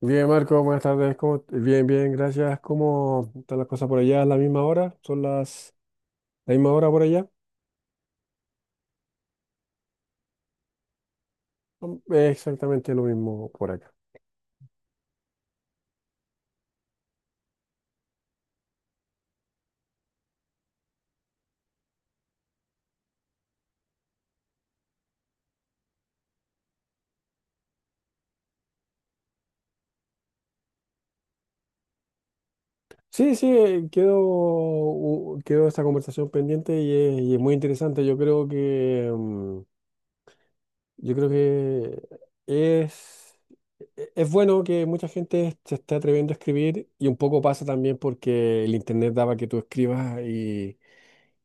Bien, Marco, buenas tardes. Bien, bien, gracias. ¿Cómo están las cosas por allá? ¿Es la misma hora? ¿Son las la misma hora por allá? Exactamente lo mismo por acá. Sí, quedó esta conversación pendiente y es muy interesante. Yo creo que, mm, yo creo que es, e- es bueno que mucha gente se esté atreviendo a escribir, y un poco pasa también porque el internet daba que tú escribas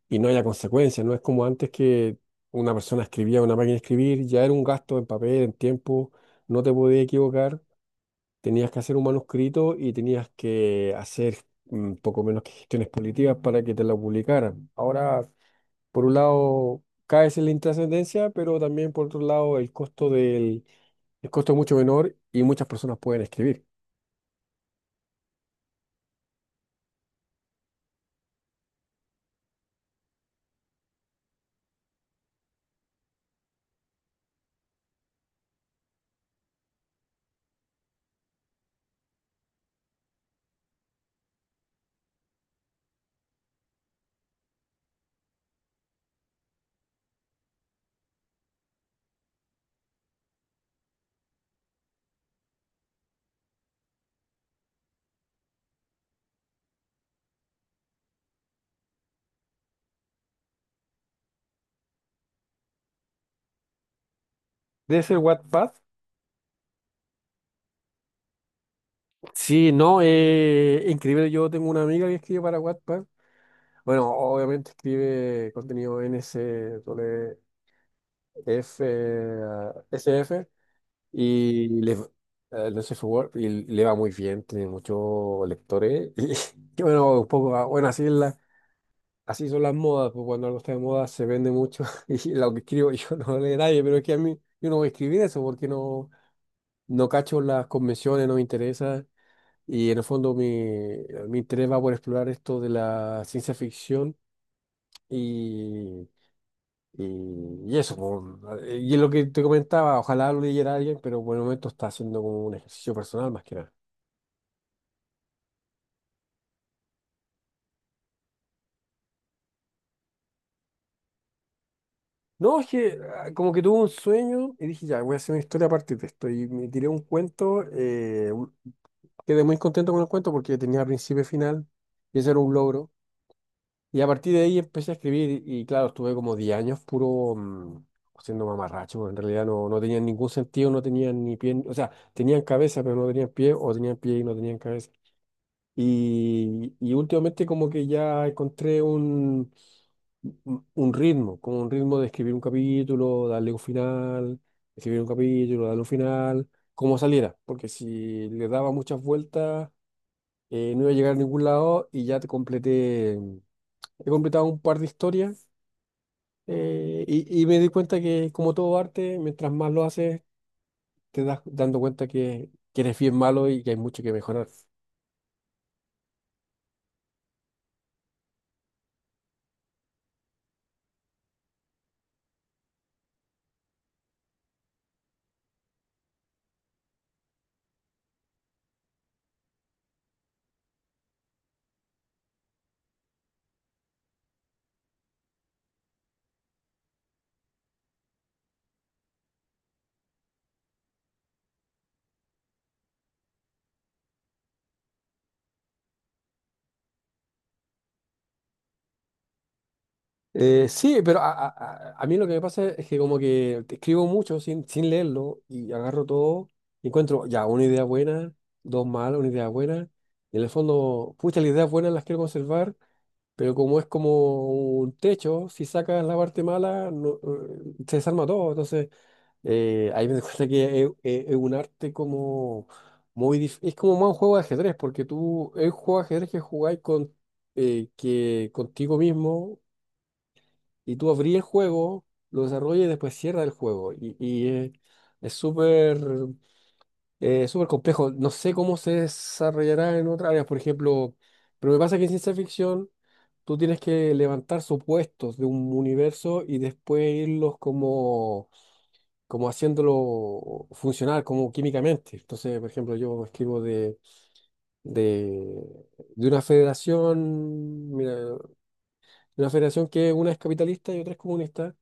y no haya consecuencias. No es como antes, que una persona escribía en una máquina de escribir, ya era un gasto en papel, en tiempo, no te podías equivocar, tenías que hacer un manuscrito y tenías que hacer, poco menos que gestiones políticas para que te lo publicaran. Ahora, por un lado, caes en la intrascendencia, pero también por otro lado, el costo es mucho menor y muchas personas pueden escribir. ¿Debe ser Wattpad? Sí, no, increíble. Yo tengo una amiga que escribe para Wattpad. Bueno, obviamente escribe contenido n s f, s f, y le, no sé, Word, y le va muy bien, tiene muchos lectores. Y, bueno, un poco, ah, bueno, así, es la, así son las modas, pues cuando algo está de moda se vende mucho. Y lo que escribo yo no lo lee nadie, pero es que a mí, yo no voy a escribir eso porque no, no cacho las convenciones, no me interesa. Y en el fondo, mi interés va por explorar esto de la ciencia ficción. Y Y, y eso, po. Y es lo que te comentaba, ojalá lo leyera alguien, pero por el momento está haciendo como un ejercicio personal más que nada. No, es que como que tuve un sueño y dije, ya, voy a hacer una historia aparte de esto. Y me tiré un cuento, quedé muy contento con el cuento porque tenía principio y final, y ese era un logro. Y a partir de ahí empecé a escribir y, claro, estuve como 10 años puro, siendo mamarracho, porque en realidad no, no tenían ningún sentido, no tenían ni pie, ni- o sea, tenían cabeza pero no tenían pie, o tenían pie y no tenían cabeza. Y últimamente como que ya encontré un, un ritmo, como un ritmo de escribir un capítulo, darle un final, escribir un capítulo, darle un final, como saliera, porque si le daba muchas vueltas, no iba a llegar a ningún lado. He completado un par de historias. Y me di cuenta que, como todo arte, mientras más lo haces, te das dando cuenta que eres bien malo y que hay mucho que mejorar. Sí, pero a mí lo que me pasa es que como que te escribo mucho sin, sin leerlo, y agarro todo y encuentro ya una idea buena, dos malas, una idea buena. Y en el fondo, pucha, las ideas buenas las quiero conservar, pero como es como un techo: si sacas la parte mala, no, se desarma todo. Entonces, ahí me doy cuenta que es un arte como es como más un juego de ajedrez, porque tú, es un juego de ajedrez que jugáis con, contigo mismo, y tú abrí el juego, lo desarrollas y después cierra el juego. Es súper, súper complejo. No sé cómo se desarrollará en otras áreas, por ejemplo, pero me pasa que en ciencia ficción tú tienes que levantar supuestos de un universo y después irlos como, como haciéndolo funcionar, como químicamente. Entonces, por ejemplo, yo escribo de, de una federación, mira, de una federación que una es capitalista y otra es comunista,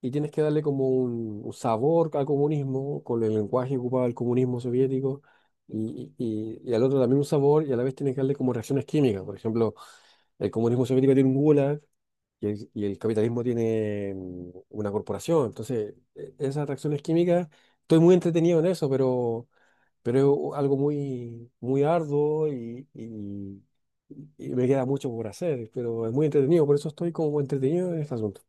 y tienes que darle como un sabor al comunismo, con el lenguaje que ocupaba el comunismo soviético, y al otro también un sabor, y a la vez tienes que darle como reacciones químicas. Por ejemplo, el comunismo soviético tiene un gulag, y el capitalismo tiene, una corporación. Entonces, esas reacciones químicas, estoy muy entretenido en eso, pero es algo muy, muy arduo, y me queda mucho por hacer, pero es muy entretenido, por eso estoy como entretenido en este asunto.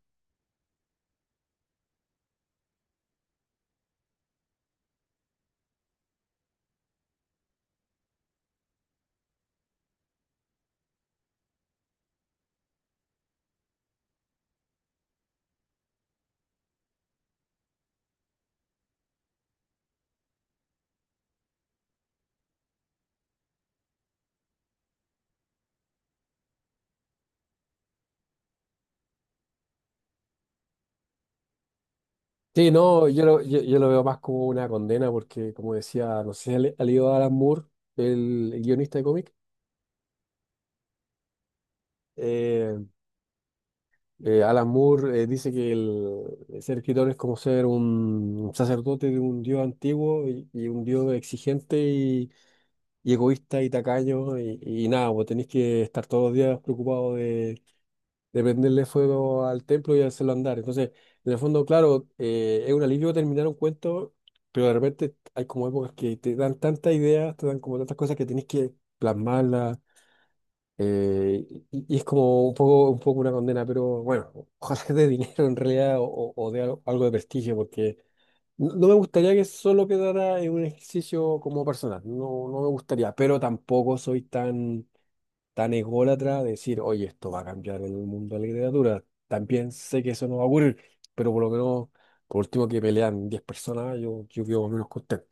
Sí, no, yo lo veo más como una condena porque, como decía, no sé si ha leído Alan Moore, el guionista de cómic. eh, Alan Moore dice que ser escritor es como ser un sacerdote de un dios antiguo, y un dios exigente y egoísta y tacaño, y nada, vos tenés que estar todos los días preocupado de prenderle fuego al templo y hacerlo andar. Entonces, en el fondo, claro, es un alivio terminar un cuento, pero de repente hay como épocas que te dan tantas ideas, te dan como tantas cosas que tienes que plasmarlas, eh, y es como un poco una condena, pero bueno, ojalá que de dinero en realidad, o de algo, algo de prestigio, porque no, no me gustaría que solo quedara en un ejercicio como personal, no, no me gustaría, pero tampoco soy tan, tan ególatra, decir, oye, esto va a cambiar el mundo de la literatura. También sé que eso no va a ocurrir, pero por lo menos, por último, que pelean 10 personas, yo quedo menos contento.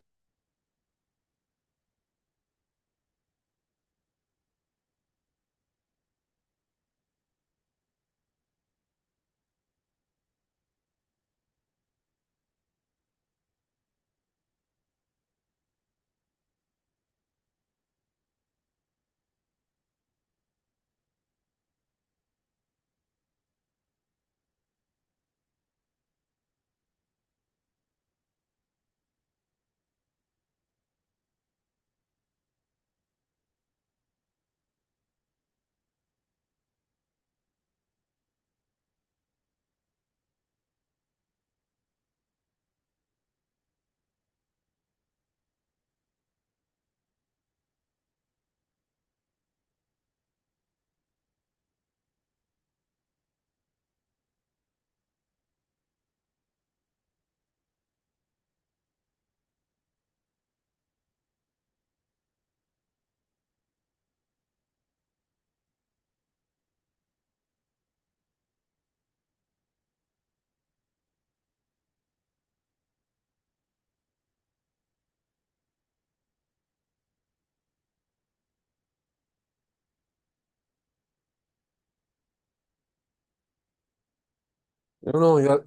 No, no, yo, al-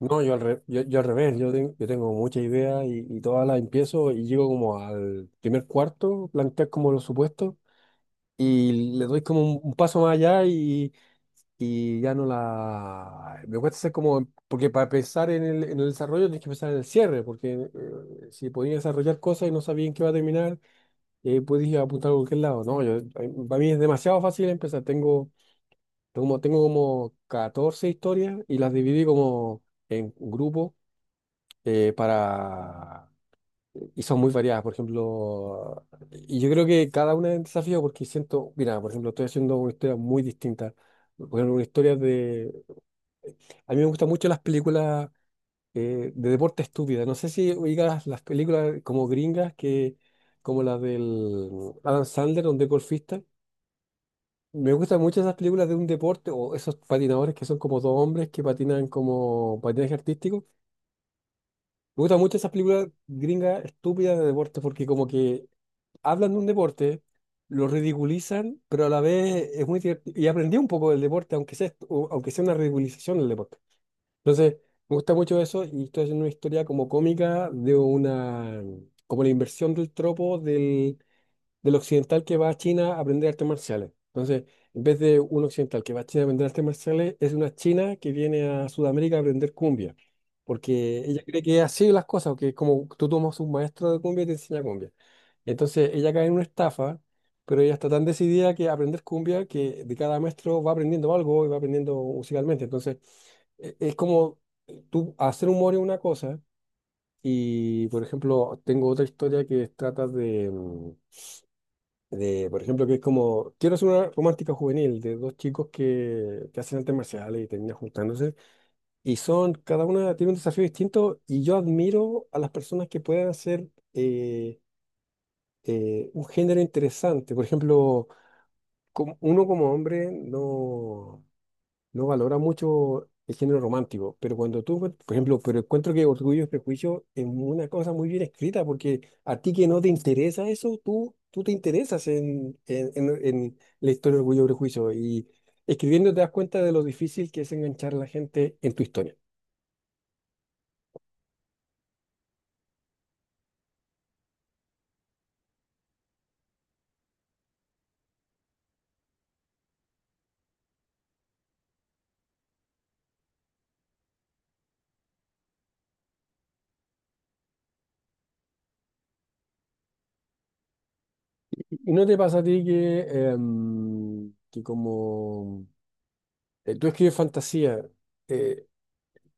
no, yo, al, re- yo al revés. Yo tengo muchas ideas, y todas las empiezo y llego como al primer cuarto, plantear como los supuestos. Y le doy como un paso más allá, y ya no la... Me cuesta hacer como... Porque para pensar en en el desarrollo tienes que pensar en el cierre, porque si podías desarrollar cosas y no sabías en qué va a terminar, podías apuntar a cualquier lado. No, yo, para mí es demasiado fácil empezar. Tengo como 14 historias y las dividí como en grupos, para... Y son muy variadas. Por ejemplo, y yo creo que cada una es un desafío porque siento, mira, por ejemplo, estoy haciendo una historia muy distinta. Por ejemplo, una historia de... A mí me gustan mucho las películas, de deporte, estúpida. No sé si oigas las películas como gringas, que, como las del Adam Sandler, donde es golfista. Me gustan mucho esas películas de un deporte, o esos patinadores que son como dos hombres que patinan como patinaje artístico. Me gustan mucho esas películas gringas estúpidas de deporte porque como que hablan de un deporte, lo ridiculizan, pero a la vez es muy divertido. Y aprendí un poco del deporte, aunque sea, aunque sea una ridiculización del deporte. Entonces, me gusta mucho eso y estoy haciendo una historia como cómica de una, como la inversión del tropo del occidental que va a China a aprender artes marciales. Entonces, en vez de un occidental que va a China a aprender artes marciales, es una china que viene a Sudamérica a aprender cumbia, porque ella cree que es así las cosas, que es como tú tomas un maestro de cumbia y te enseña cumbia. Entonces, ella cae en una estafa, pero ella está tan decidida que aprender cumbia que de cada maestro va aprendiendo algo y va aprendiendo musicalmente. Entonces, es como, tú hacer humor es una cosa. Y, por ejemplo, tengo otra historia que trata por ejemplo, que es como, quiero hacer una romántica juvenil de dos chicos que hacen artes marciales y terminan juntándose, y son, cada una tiene un desafío distinto, y yo admiro a las personas que pueden hacer eh, un género interesante. Por ejemplo, uno como hombre no, no valora mucho el género romántico, pero cuando tú, por ejemplo, pero encuentro que Orgullo y Prejuicio es una cosa muy bien escrita, porque a ti que no te interesa eso, tú te interesas en la historia de Orgullo y Prejuicio, y escribiendo te das cuenta de lo difícil que es enganchar a la gente en tu historia. ¿Y no te pasa a ti que, em, que como tú escribes fantasía, eh,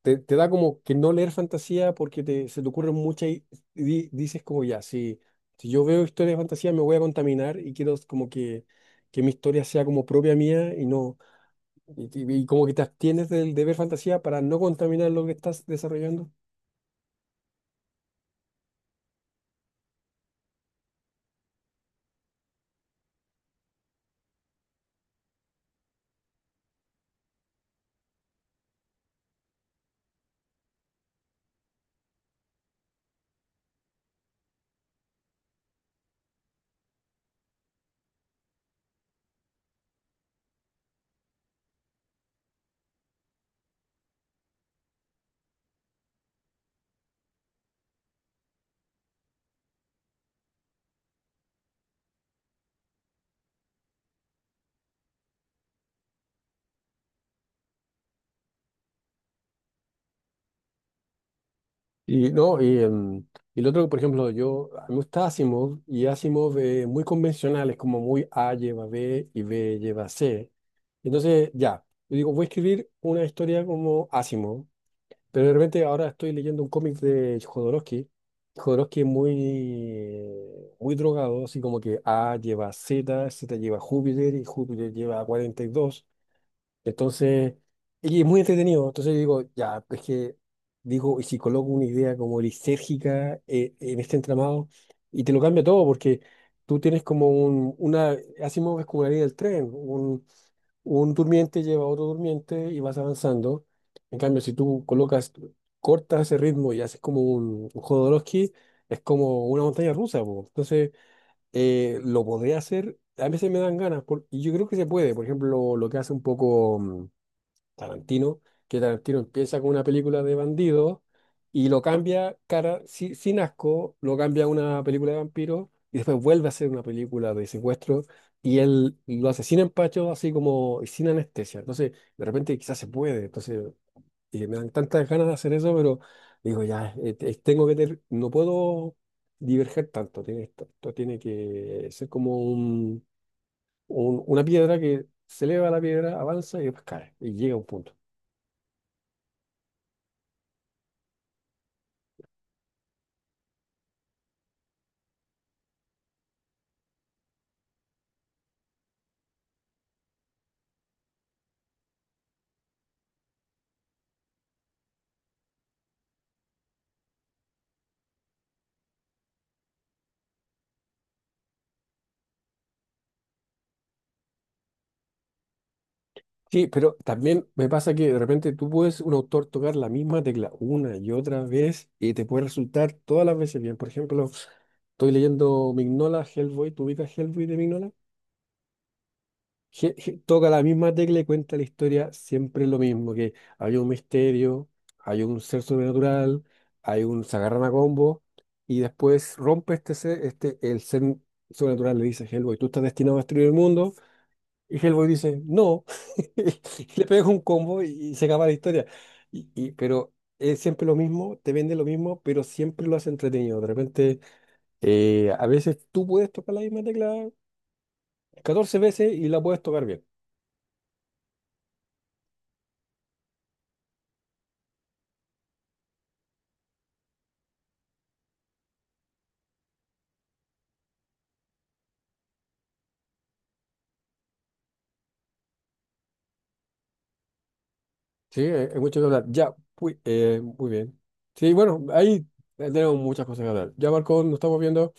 te, te da como que no leer fantasía porque te, se te ocurren muchas, dices como, ya, si, si yo veo historias de fantasía me voy a contaminar, y quiero como que mi historia sea como propia mía y no, y como que te abstienes del, de ver fantasía, para no contaminar lo que estás desarrollando. Y no, y, em, Y lo otro, por ejemplo, yo, a mí me gusta Asimov, y Asimov, muy convencionales, como muy A lleva B y B lleva C. Entonces, ya, yo digo, voy a escribir una historia como Asimov. Pero de repente ahora estoy leyendo un cómic de Jodorowsky. Jodorowsky es muy, muy drogado, así como que A lleva Z, Z lleva Júpiter y Júpiter lleva 42. Entonces, y es muy entretenido. Entonces yo digo, ya, es que digo, ¿y si coloco una idea como lisérgica, en este entramado? Y te lo cambia todo, porque tú tienes como Asimov es como la línea del tren, un durmiente lleva a otro durmiente y vas avanzando. En cambio, si tú colocas, cortas ese ritmo y haces como un Jodorowsky, es como una montaña rusa, po. Entonces, lo podría hacer. A veces me dan ganas, y yo creo que se puede. Por ejemplo, lo que hace un poco, Tarantino, que Tarantino empieza con una película de bandidos y lo cambia cara, sin asco, lo cambia a una película de vampiros y después vuelve a hacer una película de secuestro, y él lo asesina en pacho así como y sin anestesia. Entonces, de repente quizás se puede. Entonces, me dan tantas ganas de hacer eso, pero digo, ya, tengo que no puedo diverger tanto. Esto tiene que ser como un, una piedra que se eleva, la piedra avanza y después cae y llega a un punto. Sí, pero también me pasa que de repente tú puedes, un autor, tocar la misma tecla una y otra vez, y te puede resultar todas las veces bien. Por ejemplo, estoy leyendo Mignola, Hellboy. ¿Tú ubicas Hellboy de Mignola? Toca la misma tecla y cuenta la historia siempre lo mismo, que hay un misterio, hay un ser sobrenatural, hay un se agarran a combo, y después rompe este ser, el ser sobrenatural le dice a Hellboy, tú estás destinado a destruir el mundo, y Hellboy dice, no, y le pega un combo, y se acaba la historia. Pero es siempre lo mismo, te vende lo mismo, pero siempre lo hace entretenido. De repente, a veces tú puedes tocar la misma tecla 14 veces y la puedes tocar bien. Sí, hay mucho que hablar. Ya, muy, muy bien. Sí, bueno, ahí tenemos muchas cosas que hablar. Ya, Marco, nos estamos viendo.